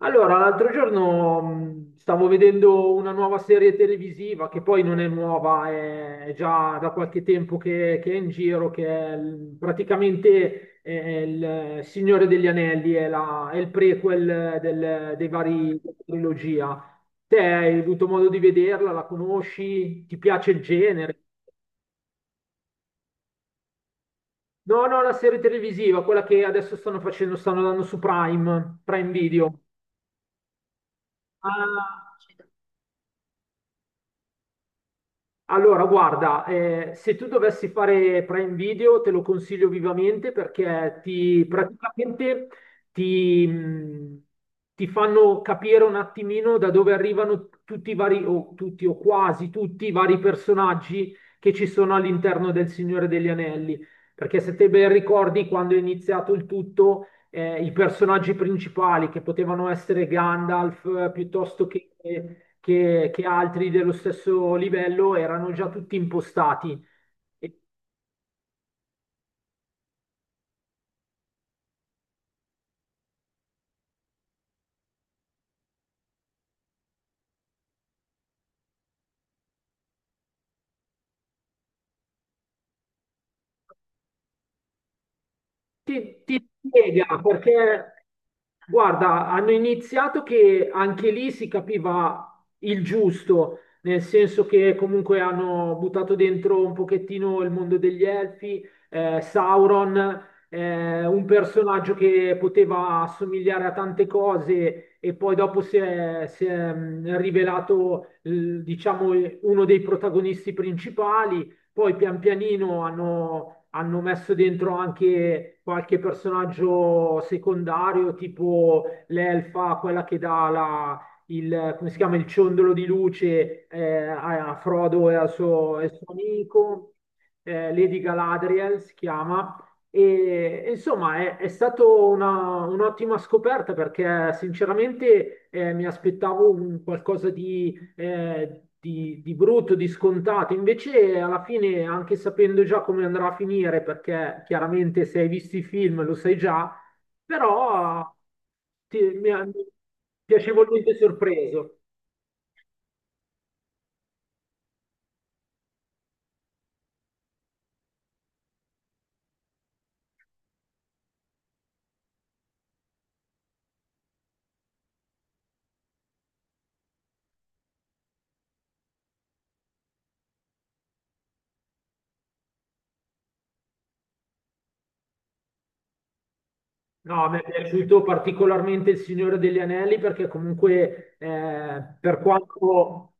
Allora, l'altro giorno stavo vedendo una nuova serie televisiva che poi non è nuova, è già da qualche tempo che è in giro, praticamente il Signore degli Anelli, è il prequel dei vari della trilogia. Te hai avuto modo di vederla, la conosci, ti piace il genere? No, no, la serie televisiva, quella che adesso stanno facendo, stanno dando su Prime, Prime Video. Ah. Allora, guarda, se tu dovessi fare Prime Video te lo consiglio vivamente perché ti praticamente ti, ti fanno capire un attimino da dove arrivano tutti i vari, o tutti o quasi tutti i vari personaggi che ci sono all'interno del Signore degli Anelli. Perché se te ben ricordi, quando è iniziato il tutto, i personaggi principali che potevano essere Gandalf, piuttosto che altri dello stesso livello erano già tutti impostati. E ti spiega perché, guarda, hanno iniziato che anche lì si capiva il giusto, nel senso che comunque hanno buttato dentro un pochettino il mondo degli elfi, Sauron, un personaggio che poteva assomigliare a tante cose e poi dopo si è, rivelato, diciamo, uno dei protagonisti principali, poi pian pianino hanno messo dentro anche qualche personaggio secondario, tipo l'elfa, quella che dà la, il, come si chiama, il ciondolo di luce, a Frodo e al suo, amico, Lady Galadriel si chiama. E insomma è stata un'ottima scoperta perché sinceramente mi aspettavo un qualcosa di brutto, di scontato. Invece, alla fine, anche sapendo già come andrà a finire, perché chiaramente se hai visto i film lo sai già, però mi ha piacevolmente sorpreso. No, mi è piaciuto particolarmente Il Signore degli Anelli perché comunque per quanto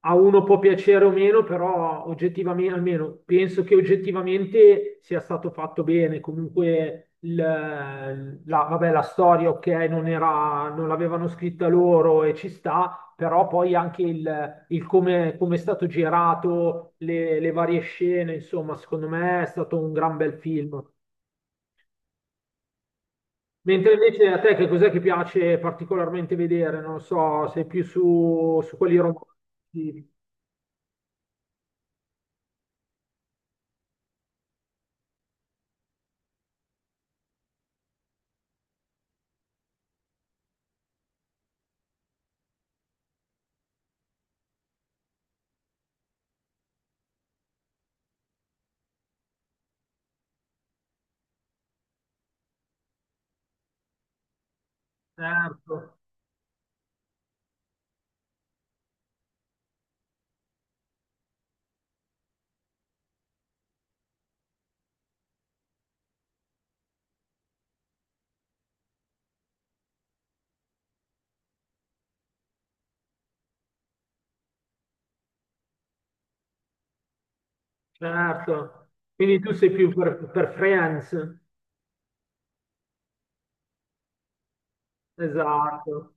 a uno può piacere o meno, però oggettivamente, almeno penso che oggettivamente sia stato fatto bene. Comunque la, vabbè, la storia, ok, non era, non l'avevano scritta loro e ci sta, però poi anche il come, è stato girato, le varie scene, insomma, secondo me è stato un gran bel film. Mentre invece a te che cos'è che piace particolarmente vedere? Non lo so, sei più su quelli romantici. Certo, certo. Quindi tu sei più per Friends. Esatto.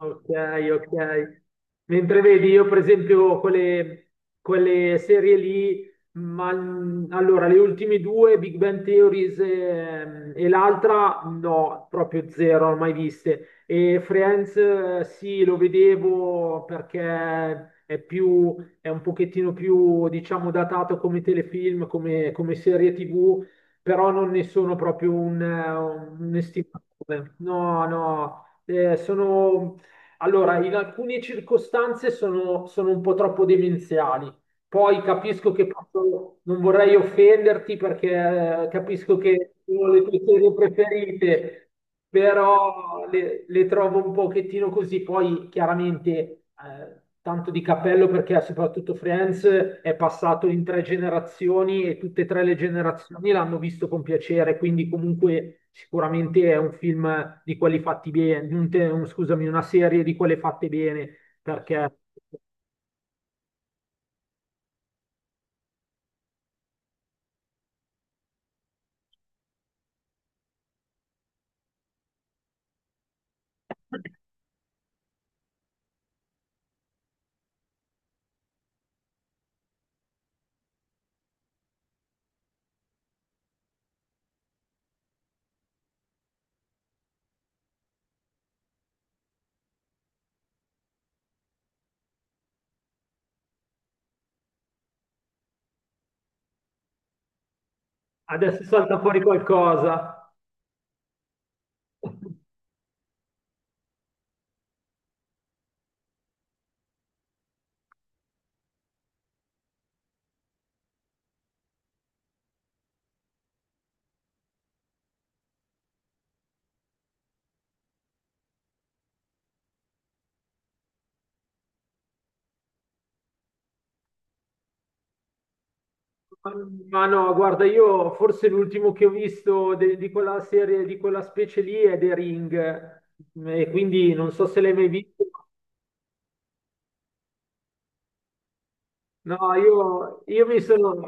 Ok, ok. Mentre vedi, io per esempio quelle serie lì, ma allora le ultime due, Big Bang Theories, e, l'altra, no, proprio zero, non mai viste. E Friends, sì, lo vedevo perché è più, è un pochettino più, diciamo, datato come telefilm, come serie TV, però non ne sono proprio un estimatore. No, no. Sono allora, in alcune circostanze sono un po' troppo demenziali. Poi capisco che non vorrei offenderti perché capisco che sono le tue serie preferite, però le trovo un pochettino così. Poi chiaramente tanto di cappello perché soprattutto Friends è passato in tre generazioni e tutte e tre le generazioni l'hanno visto con piacere, quindi comunque sicuramente è un film di quelli fatti bene, scusami, una serie di quelle fatte bene, perché adesso salta fuori qualcosa. Ma no, guarda, io forse l'ultimo che ho visto di quella serie, di quella specie lì è The Ring, e quindi non so se l'hai mai visto. No, io mi sono.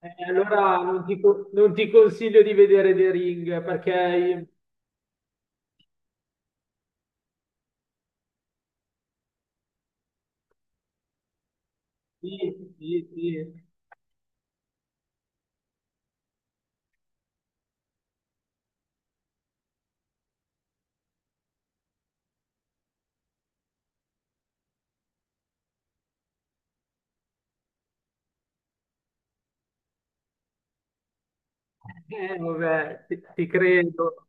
Allora non ti consiglio di vedere The Ring, perché. Sì, sì, sì. Vabbè, ti credo.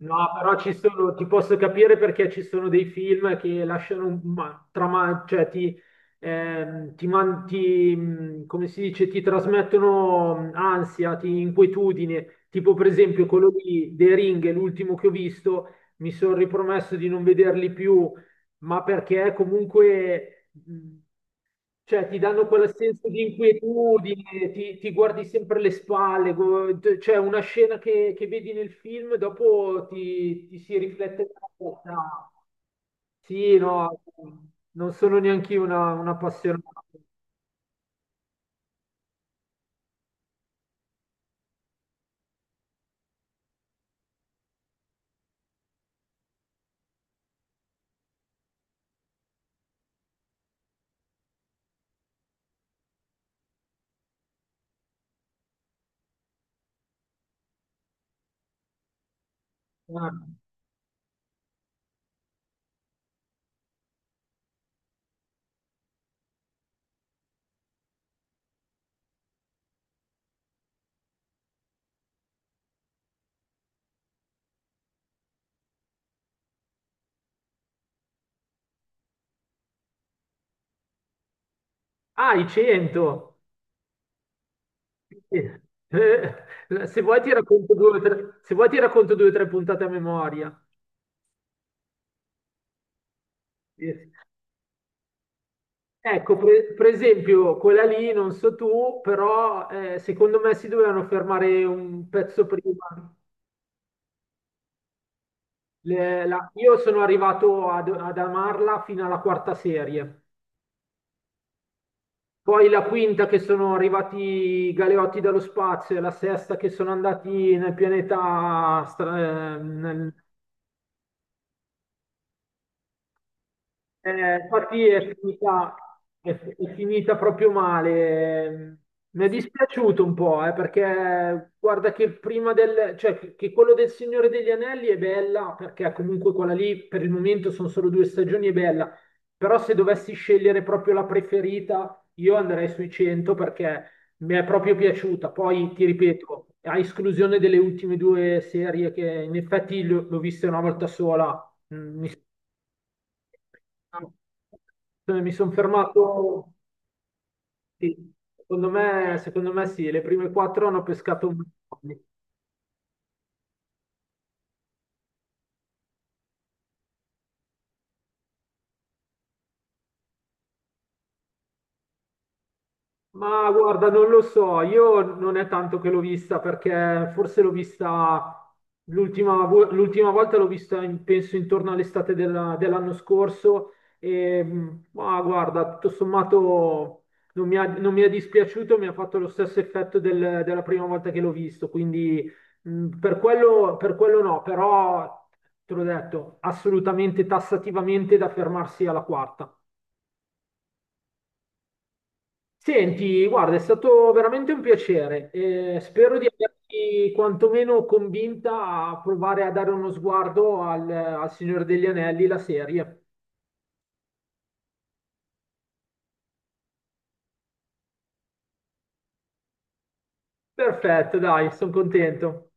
No, però ci sono, ti posso capire perché ci sono dei film che lasciano un trama, cioè ti, ti man- ti, come si dice, ti trasmettono ansia, inquietudine. Tipo, per esempio, quello di The Ring, l'ultimo che ho visto, mi sono ripromesso di non vederli più, ma perché comunque cioè, ti danno quel senso di inquietudine, ti, guardi sempre le spalle, cioè una scena che vedi nel film, dopo ti si riflette nella testa. Sì, no, non sono neanche io una, un appassionato. Ah, i 100! Sì. Se vuoi ti racconto due o tre, se vuoi ti racconto due o tre puntate a memoria. Sì. Ecco, per esempio, quella lì, non so tu, però secondo me si dovevano fermare un pezzo prima. Io sono arrivato ad amarla fino alla quarta serie, poi la quinta che sono arrivati i Galeotti dallo spazio e la sesta che sono andati nel pianeta, stra- nel eh, infatti è finita, è finita proprio male. Mi è dispiaciuto un po', perché guarda che prima cioè che quello del Signore degli Anelli è bella, perché comunque quella lì per il momento sono solo due stagioni, è bella. Però se dovessi scegliere proprio la preferita, io andrei sui 100 perché mi è proprio piaciuta. Poi ti ripeto, a esclusione delle ultime due serie che in effetti l'ho vista una volta sola. Mm, mi eh, Mi sono fermato, sì. Secondo me sì, le prime quattro hanno pescato un po'. Ma guarda, non lo so, io non è tanto che l'ho vista perché forse l'ho vista l'ultima volta l'ho vista penso intorno all'estate dell'anno scorso e ma guarda, tutto sommato non mi ha, non mi è dispiaciuto, mi ha fatto lo stesso effetto della prima volta che l'ho visto, quindi per quello no, però te l'ho detto, assolutamente tassativamente da fermarsi alla quarta. Senti, guarda, è stato veramente un piacere. Spero di averti quantomeno convinta a provare a dare uno sguardo al Signore degli Anelli, la serie. Perfetto, dai, sono contento.